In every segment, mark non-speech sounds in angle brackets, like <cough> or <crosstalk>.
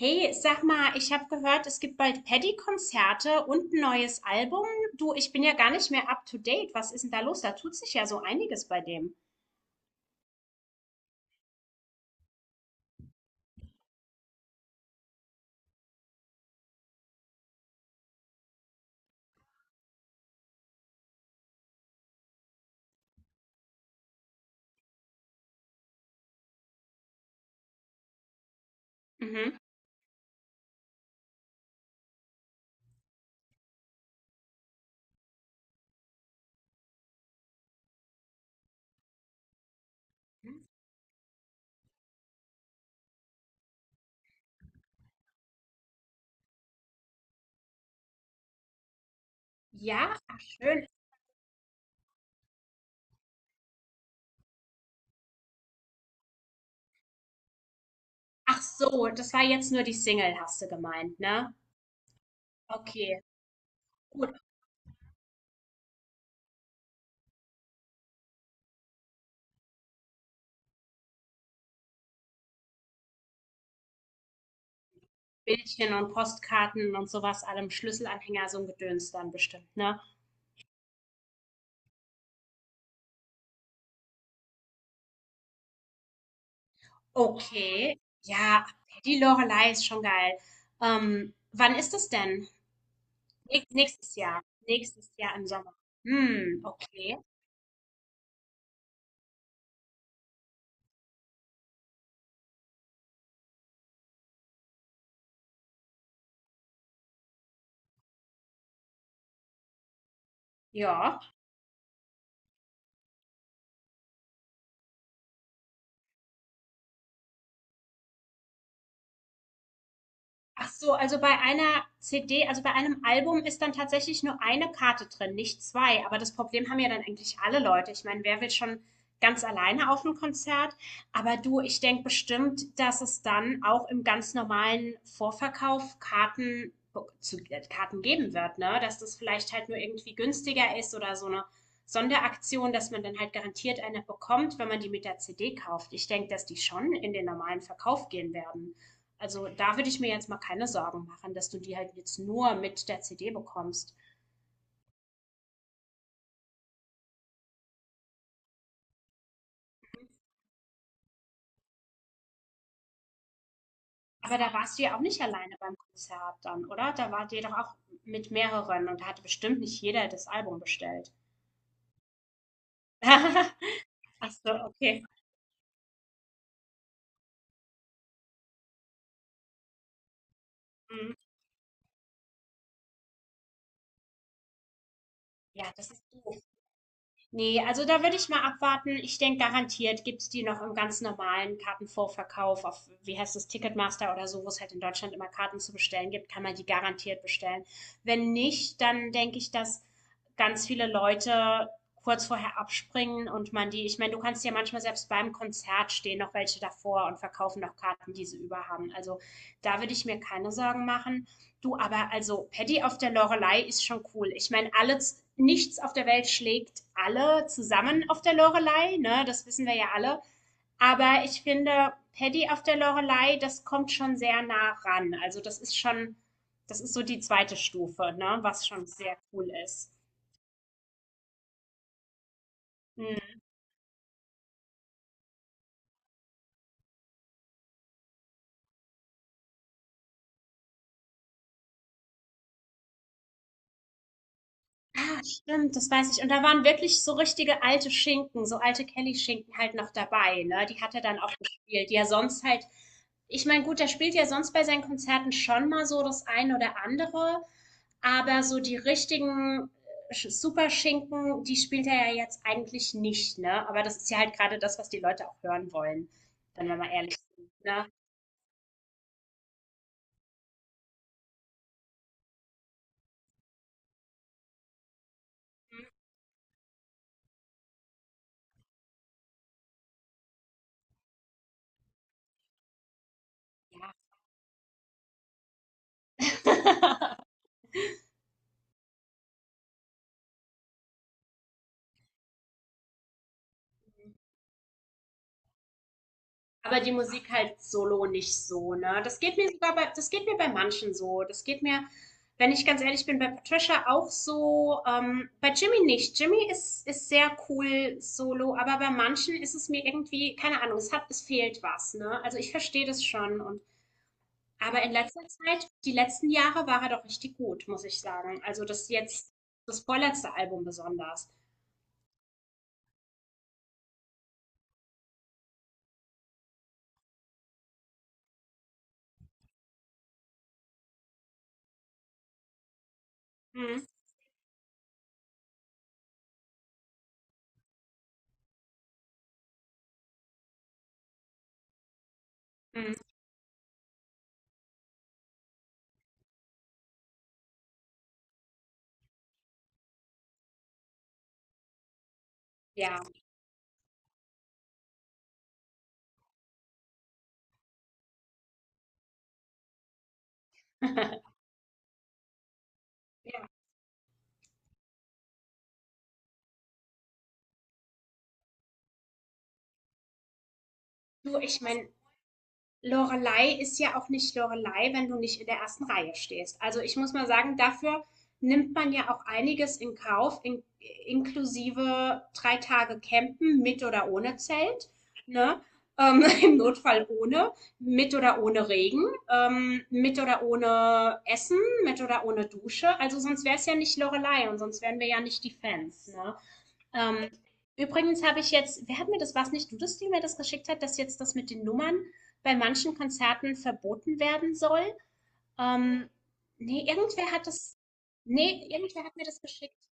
Hey, sag mal, ich habe gehört, es gibt bald Paddy-Konzerte und ein neues Album. Du, ich bin ja gar nicht mehr up to date. Was ist denn da los? Da tut sich ja so einiges bei dem. Mhm. Ja, ach schön. Ach so, das war jetzt nur die Single, hast du gemeint, ne? Okay, gut. Bildchen und Postkarten und sowas, allem Schlüsselanhänger, so ein Gedöns dann bestimmt, ne? Okay, ja, Paddy Lorelei ist schon geil. Wann ist das denn? Nächstes Jahr. Nächstes Jahr im Sommer. Hm, okay. Ja. Ach so, also bei einer CD, also bei einem Album ist dann tatsächlich nur eine Karte drin, nicht zwei. Aber das Problem haben ja dann eigentlich alle Leute. Ich meine, wer will schon ganz alleine auf ein Konzert? Aber du, ich denke bestimmt, dass es dann auch im ganz normalen Vorverkauf Karten zu Karten geben wird, ne? Dass das vielleicht halt nur irgendwie günstiger ist oder so eine Sonderaktion, dass man dann halt garantiert eine bekommt, wenn man die mit der CD kauft. Ich denke, dass die schon in den normalen Verkauf gehen werden. Also da würde ich mir jetzt mal keine Sorgen machen, dass du die halt jetzt nur mit der CD bekommst. Aber da warst du ja auch nicht alleine beim Konzert dann, oder? Da wart ihr doch auch mit mehreren und da hatte bestimmt nicht jeder das Album bestellt. <laughs> Ach so, okay. Hm. Ja, das ist doof. Nee, also da würde ich mal abwarten. Ich denke, garantiert gibt's die noch im ganz normalen Kartenvorverkauf auf, wie heißt das, Ticketmaster oder so, wo es halt in Deutschland immer Karten zu bestellen gibt, kann man die garantiert bestellen. Wenn nicht, dann denke ich, dass ganz viele Leute kurz vorher abspringen und man die, ich meine, du kannst ja manchmal selbst beim Konzert stehen noch welche davor und verkaufen noch Karten, die sie über haben. Also da würde ich mir keine Sorgen machen. Du, aber also Paddy auf der Lorelei ist schon cool. Ich meine, alle, nichts auf der Welt schlägt alle zusammen auf der Lorelei, ne? Das wissen wir ja alle. Aber ich finde, Paddy auf der Lorelei, das kommt schon sehr nah ran. Also das ist schon, das ist so die zweite Stufe, ne? Was schon sehr cool ist. Mm. Ah, stimmt, das weiß ich. Und da waren wirklich so richtige alte Schinken, so alte Kelly-Schinken halt noch dabei, ne? Die hat er dann auch gespielt, die ja sonst halt, ich meine, gut, der spielt ja sonst bei seinen Konzerten schon mal so das eine oder andere, aber so die richtigen Superschinken, die spielt er ja jetzt eigentlich nicht, ne? Aber das ist ja halt gerade das, was die Leute auch hören wollen, wenn wir mal ehrlich sind, ne? Ja. <laughs> Aber die Musik halt solo nicht so, ne? Das geht mir sogar bei, das geht mir bei manchen so. Das geht mir, wenn ich ganz ehrlich bin, bei Patricia auch so, bei Jimmy nicht. Jimmy ist, ist sehr cool solo, aber bei manchen ist es mir irgendwie, keine Ahnung, es hat, es fehlt was, ne? Also ich verstehe das schon und, aber in letzter Zeit, die letzten Jahre war er doch richtig gut, muss ich sagen. Also das jetzt, das vorletzte Album besonders. Mhm. Mhm. Ja. <laughs> Ja, du, ich meine, Lorelei ist ja auch nicht Lorelei, wenn du nicht in der ersten Reihe stehst. Also ich muss mal sagen, dafür nimmt man ja auch einiges in Kauf, in, inklusive 3 Tage Campen mit oder ohne Zelt, ne? <laughs> Im Notfall ohne, mit oder ohne Regen, mit oder ohne Essen, mit oder ohne Dusche. Also sonst wäre es ja nicht Lorelei und sonst wären wir ja nicht die Fans, ne? Ähm, übrigens habe ich jetzt, wer hat mir das, was nicht du das, die mir das geschickt hat, dass jetzt das mit den Nummern bei manchen Konzerten verboten werden soll? Ähm, Nee, irgendwer hat das, nee, irgendwer hat mir das geschickt.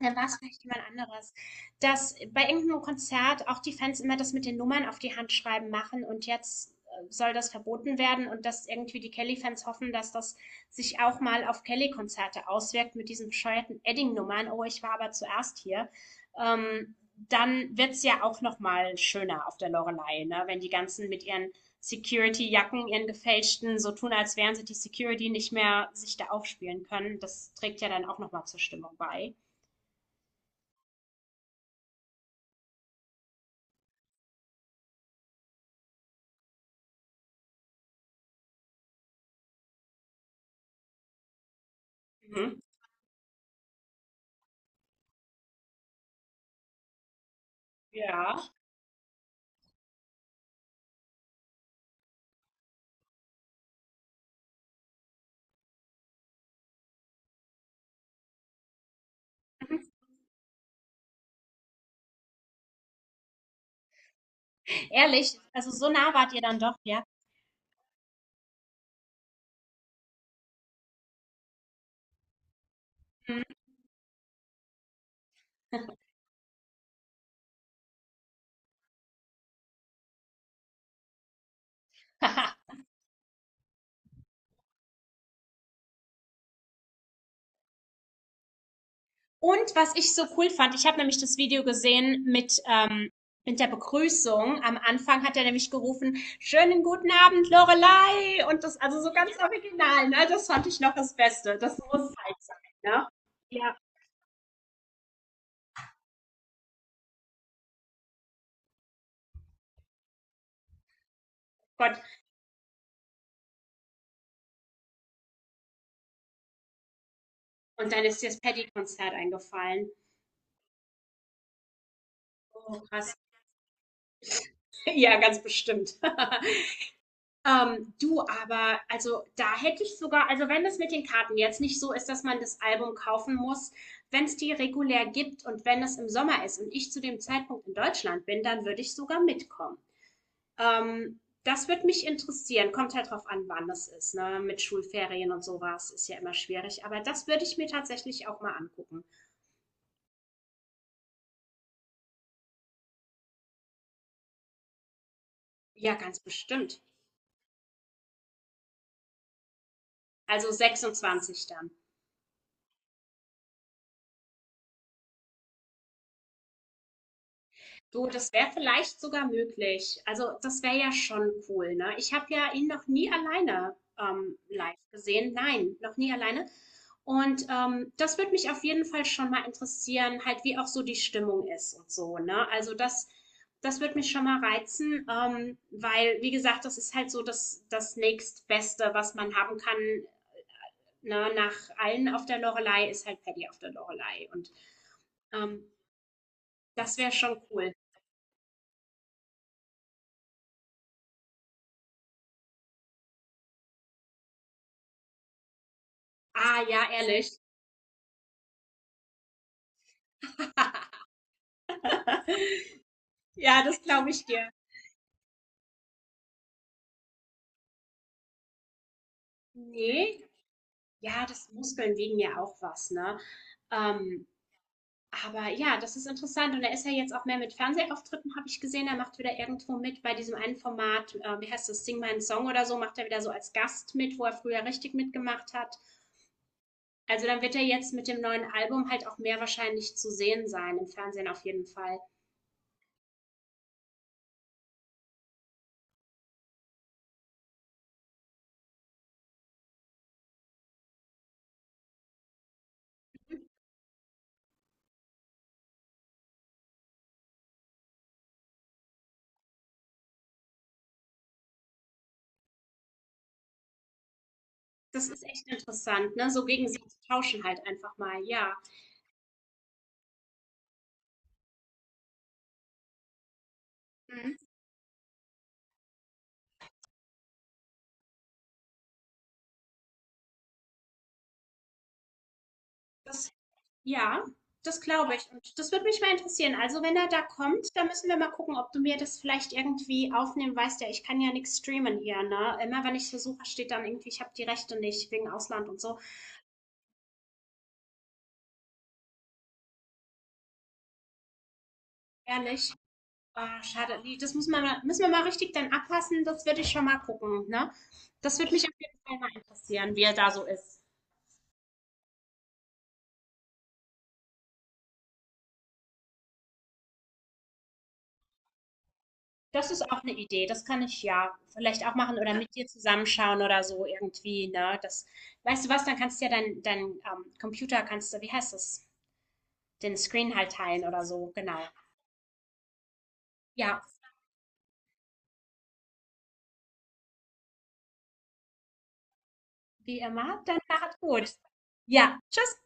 Dann war es vielleicht jemand anderes. Dass bei irgendeinem Konzert auch die Fans immer das mit den Nummern auf die Hand schreiben machen und jetzt soll das verboten werden und dass irgendwie die Kelly-Fans hoffen, dass das sich auch mal auf Kelly-Konzerte auswirkt mit diesen bescheuerten Edding-Nummern. Oh, ich war aber zuerst hier. Ähm, dann wird's ja auch noch mal schöner auf der Loreley, ne? Wenn die ganzen mit ihren Security-Jacken, ihren gefälschten, so tun, als wären sie die Security nicht mehr, sich da aufspielen können. Das trägt ja dann auch noch mal zur Stimmung bei. Mhm. Ja. Mhm. Ehrlich, also so nah wart ihr dann doch, ja. Mhm. <laughs> Haha. Und was ich so cool fand, ich habe nämlich das Video gesehen mit der Begrüßung. Am Anfang hat er nämlich gerufen, schönen guten Abend, Lorelei. Und das, also so ganz original, ne? Das fand ich noch das Beste. Das muss halt sein, ne? Ja, Gott. Und dann ist dir das Paddy-Konzert eingefallen. Oh, krass. <laughs> Ja, ganz bestimmt. <laughs> Du, aber also da hätte ich sogar, also wenn es mit den Karten jetzt nicht so ist, dass man das Album kaufen muss, wenn es die regulär gibt und wenn es im Sommer ist und ich zu dem Zeitpunkt in Deutschland bin, dann würde ich sogar mitkommen. Das würde mich interessieren. Kommt halt drauf an, wann das ist, ne? Mit Schulferien und sowas ist ja immer schwierig, aber das würde ich mir tatsächlich auch mal angucken. Ja, ganz bestimmt. Also 26 dann. Du, das wäre vielleicht sogar möglich. Also das wäre ja schon cool, ne? Ich habe ja ihn noch nie alleine live gesehen. Nein, noch nie alleine. Und das würde mich auf jeden Fall schon mal interessieren, halt wie auch so die Stimmung ist und so, ne? Also das, das, würde mich schon mal reizen, weil, wie gesagt, das ist halt so das nächstbeste, was man haben kann, ne? Nach allen auf der Loreley ist halt Paddy auf der Loreley. Und ähm, das wäre schon cool. Ah, ja, ehrlich. Ja, das glaube ich dir. Ne, ja, das Muskeln wegen ja auch was, ne? Ähm, aber ja, das ist interessant. Und er ist ja jetzt auch mehr mit Fernsehauftritten, habe ich gesehen. Er macht wieder irgendwo mit bei diesem einen Format, wie heißt das, Sing meinen Song oder so, macht er wieder so als Gast mit, wo er früher richtig mitgemacht hat. Also dann wird er jetzt mit dem neuen Album halt auch mehr wahrscheinlich zu sehen sein, im Fernsehen auf jeden Fall. Das ist echt interessant, ne? So gegen sie zu tauschen halt einfach mal, ja. Mhm. Das Ja, das glaube ich. Und das würde mich mal interessieren. Also, wenn er da kommt, dann müssen wir mal gucken, ob du mir das vielleicht irgendwie aufnehmen weißt. Ja, ich kann ja nichts streamen hier, ne? Immer wenn ich versuche, steht dann irgendwie, ich habe die Rechte nicht wegen Ausland und so. Ehrlich. Ah, schade. Nee, Das muss man, mal- müssen wir mal richtig dann abpassen. Das würde ich schon mal gucken, ne? Das würde mich auf jeden Fall mal interessieren, wie er da so ist. Das ist auch eine Idee, das kann ich ja vielleicht auch machen oder Ja. mit dir zusammenschauen oder so irgendwie, ne? Das weißt du was, dann kannst du ja dein Computer kannst du wie heißt das, den Screen halt teilen oder so, genau. Ja, wie immer, dann macht's gut. Ja, tschüss.